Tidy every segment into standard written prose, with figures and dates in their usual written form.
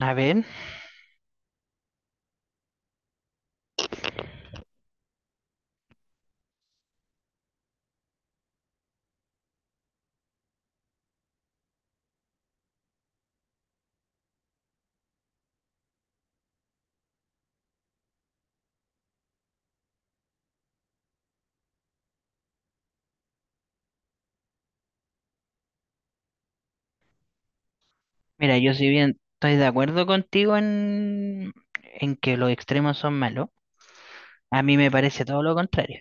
A ver, mira, yo si bien estoy de acuerdo contigo en que los extremos son malos, a mí me parece todo lo contrario,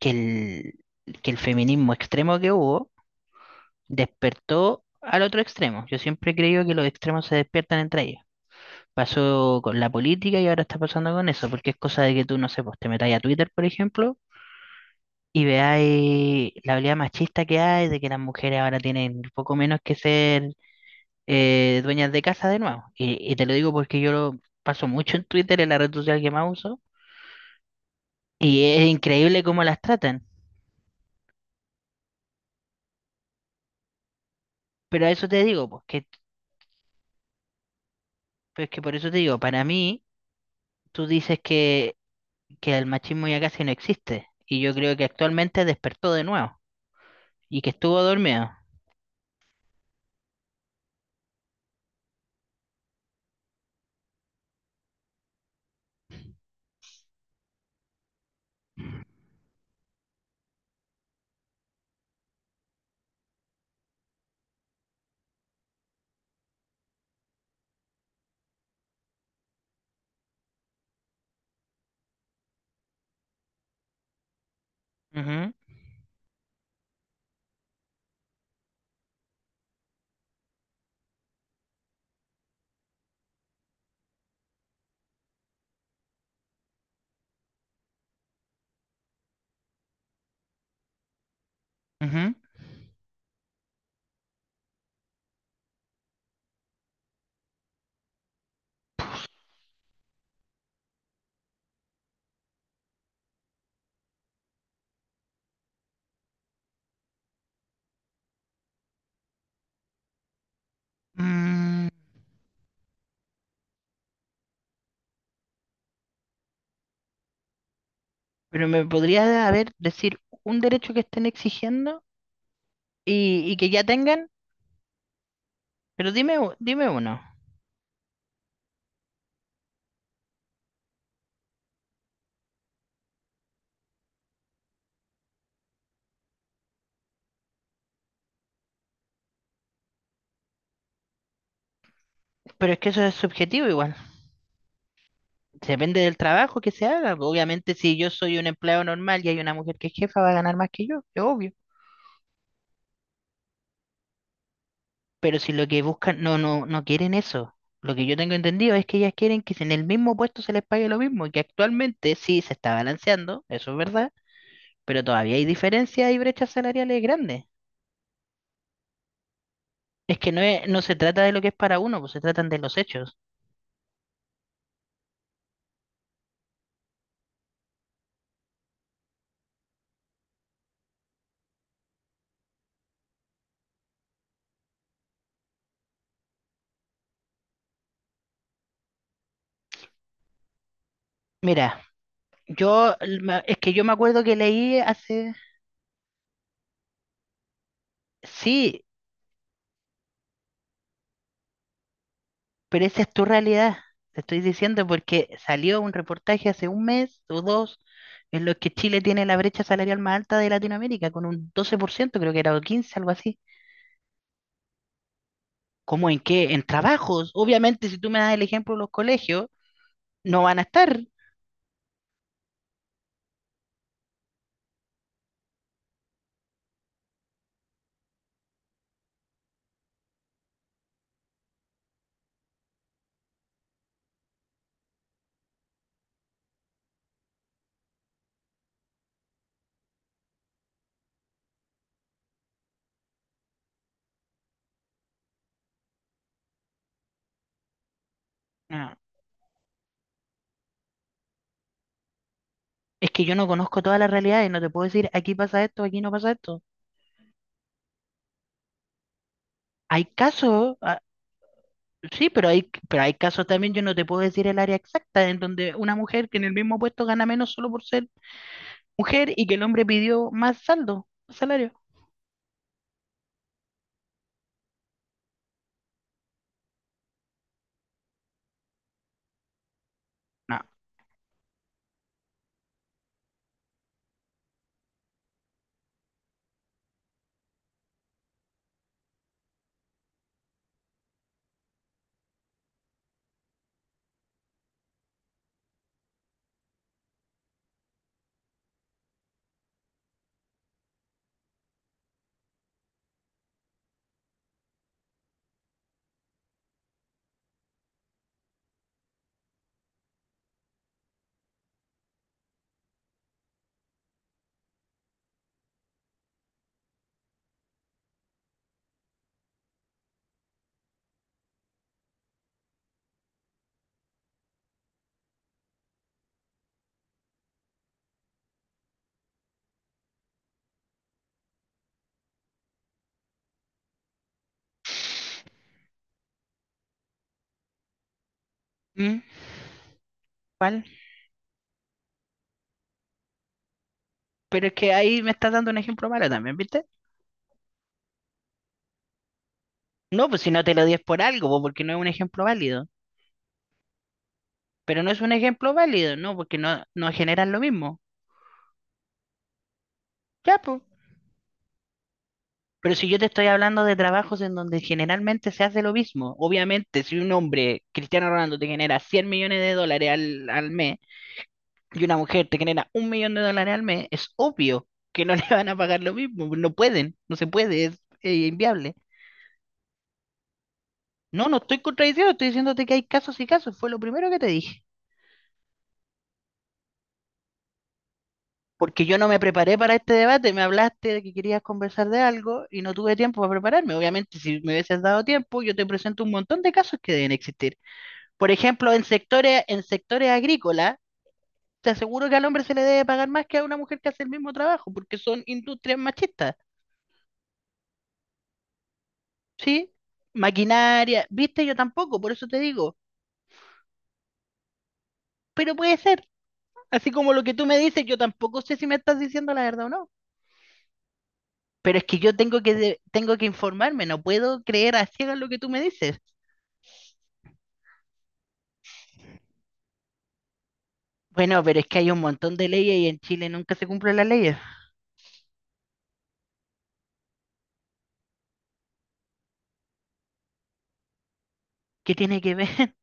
que que el feminismo extremo que hubo despertó al otro extremo. Yo siempre he creído que los extremos se despiertan entre ellos. Pasó con la política y ahora está pasando con eso, porque es cosa de que tú, no sé, pues te metáis a Twitter, por ejemplo, y veáis la habilidad machista que hay, de que las mujeres ahora tienen poco menos que ser dueñas de casa de nuevo. Y te lo digo porque yo lo paso mucho en Twitter, en la red social que más uso, y es increíble cómo las tratan. Pero a eso te digo. Pues que por eso te digo, para mí, tú dices que el machismo ya casi no existe, y yo creo que actualmente despertó de nuevo, y que estuvo dormido. Ujú, ujú. Mm, pero me podría haber decir un derecho que estén exigiendo y que ya tengan, pero dime, dime uno. Pero es que eso es subjetivo igual. Depende del trabajo que se haga. Pues obviamente, si yo soy un empleado normal y hay una mujer que es jefa, va a ganar más que yo, es obvio. Pero si lo que buscan, no quieren eso. Lo que yo tengo entendido es que ellas quieren que si en el mismo puesto se les pague lo mismo, y que actualmente sí se está balanceando, eso es verdad, pero todavía hay diferencias y brechas salariales grandes. Es que no se trata de lo que es para uno, pues se tratan de los hechos. Mira, es que yo me acuerdo que leí hace, sí. Pero esa es tu realidad, te estoy diciendo, porque salió un reportaje hace un mes o dos en los que Chile tiene la brecha salarial más alta de Latinoamérica, con un 12%, creo que era, o 15, algo así. ¿Cómo en qué? En trabajos. Obviamente, si tú me das el ejemplo de los colegios, no van a estar. No. Es que yo no conozco todas las realidades, no te puedo decir aquí pasa esto, aquí no pasa esto. Hay casos, ah, sí, pero hay casos también, yo no te puedo decir el área exacta en donde una mujer que en el mismo puesto gana menos solo por ser mujer y que el hombre pidió más saldo, salario. No. Mm, ¿cuál? Pero es que ahí me estás dando un ejemplo malo también, ¿viste? No, pues si no te lo dies por algo, pues, porque no es un ejemplo válido. Pero no es un ejemplo válido, no, porque no generan lo mismo. Ya, pues. Pero si yo te estoy hablando de trabajos en donde generalmente se hace lo mismo, obviamente si un hombre, Cristiano Ronaldo, te genera 100 millones de dólares al mes, y una mujer te genera un millón de dólares al mes, es obvio que no le van a pagar lo mismo, no pueden, no se puede, es inviable. No, no estoy contradiciendo, estoy diciéndote que hay casos y casos, fue lo primero que te dije. Porque yo no me preparé para este debate, me hablaste de que querías conversar de algo y no tuve tiempo para prepararme. Obviamente, si me hubieses dado tiempo, yo te presento un montón de casos que deben existir. Por ejemplo, en sectores agrícolas, te aseguro que al hombre se le debe pagar más que a una mujer que hace el mismo trabajo, porque son industrias machistas. ¿Sí? Maquinaria, viste, yo tampoco, por eso te digo, pero puede ser. Así como lo que tú me dices, yo tampoco sé si me estás diciendo la verdad o no. Pero es que yo tengo tengo que informarme, no puedo creer a ciegas lo que tú me dices. Bueno, pero es que hay un montón de leyes y en Chile nunca se cumplen las leyes. ¿Qué tiene que ver?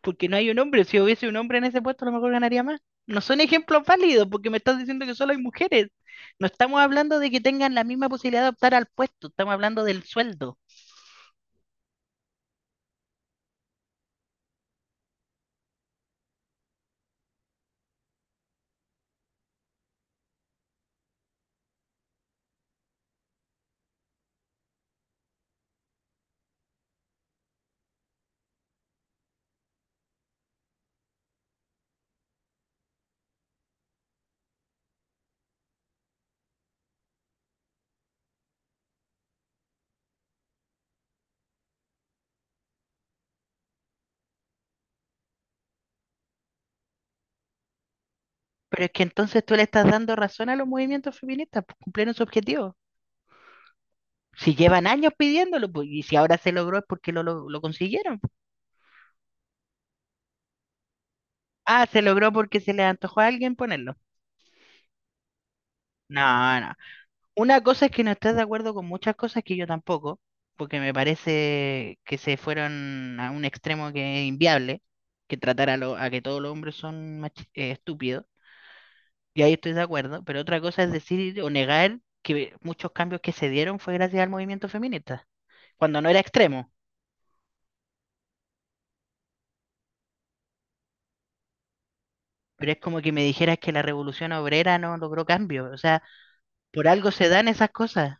Porque no hay un hombre. Si hubiese un hombre en ese puesto, a lo mejor ganaría más. No son ejemplos válidos porque me estás diciendo que solo hay mujeres. No estamos hablando de que tengan la misma posibilidad de optar al puesto, estamos hablando del sueldo. Pero es que entonces tú le estás dando razón a los movimientos feministas, pues cumplieron su objetivo. Si llevan años pidiéndolo, pues, y si ahora se logró es porque lo consiguieron, pues. Ah, se logró porque se le antojó a alguien ponerlo. No, no. Una cosa es que no estás de acuerdo con muchas cosas que yo tampoco, porque me parece que se fueron a un extremo que es inviable, que tratar a que todos los hombres son estúpidos, y ahí estoy de acuerdo, pero otra cosa es decir o negar que muchos cambios que se dieron fue gracias al movimiento feminista cuando no era extremo, pero es como que me dijeras que la revolución obrera no logró cambio, o sea, por algo se dan esas cosas,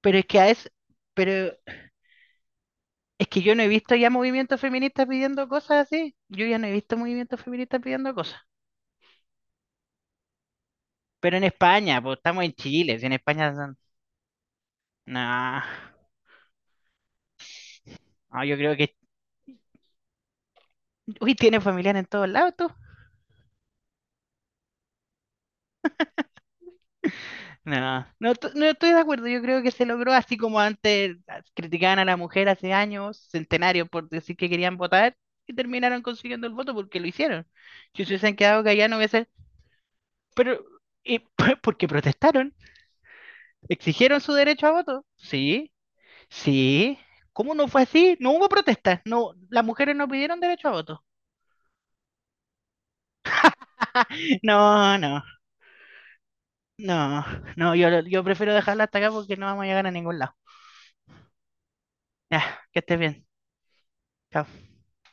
pero es que a es, pero es que yo no he visto ya movimientos feministas pidiendo cosas así, yo ya no he visto movimientos feministas pidiendo cosas, pero en España, pues estamos en Chile, si en España son- no, no, yo creo que, uy, tiene familiar en todos lados tú. No estoy de acuerdo. Yo creo que se logró así como antes ah, criticaban a la mujer hace años, centenarios, por decir que querían votar y terminaron consiguiendo el voto porque lo hicieron. Si se hubiesen quedado callados, no hubiesen. Pero, y pues, porque protestaron, exigieron su derecho a voto. Sí, sí. ¿Cómo no fue así? No hubo protestas. No, las mujeres no pidieron derecho a voto. No, no, no, no. Yo prefiero dejarla hasta acá porque no vamos a llegar a ningún lado. Ya, que estés bien. Chao.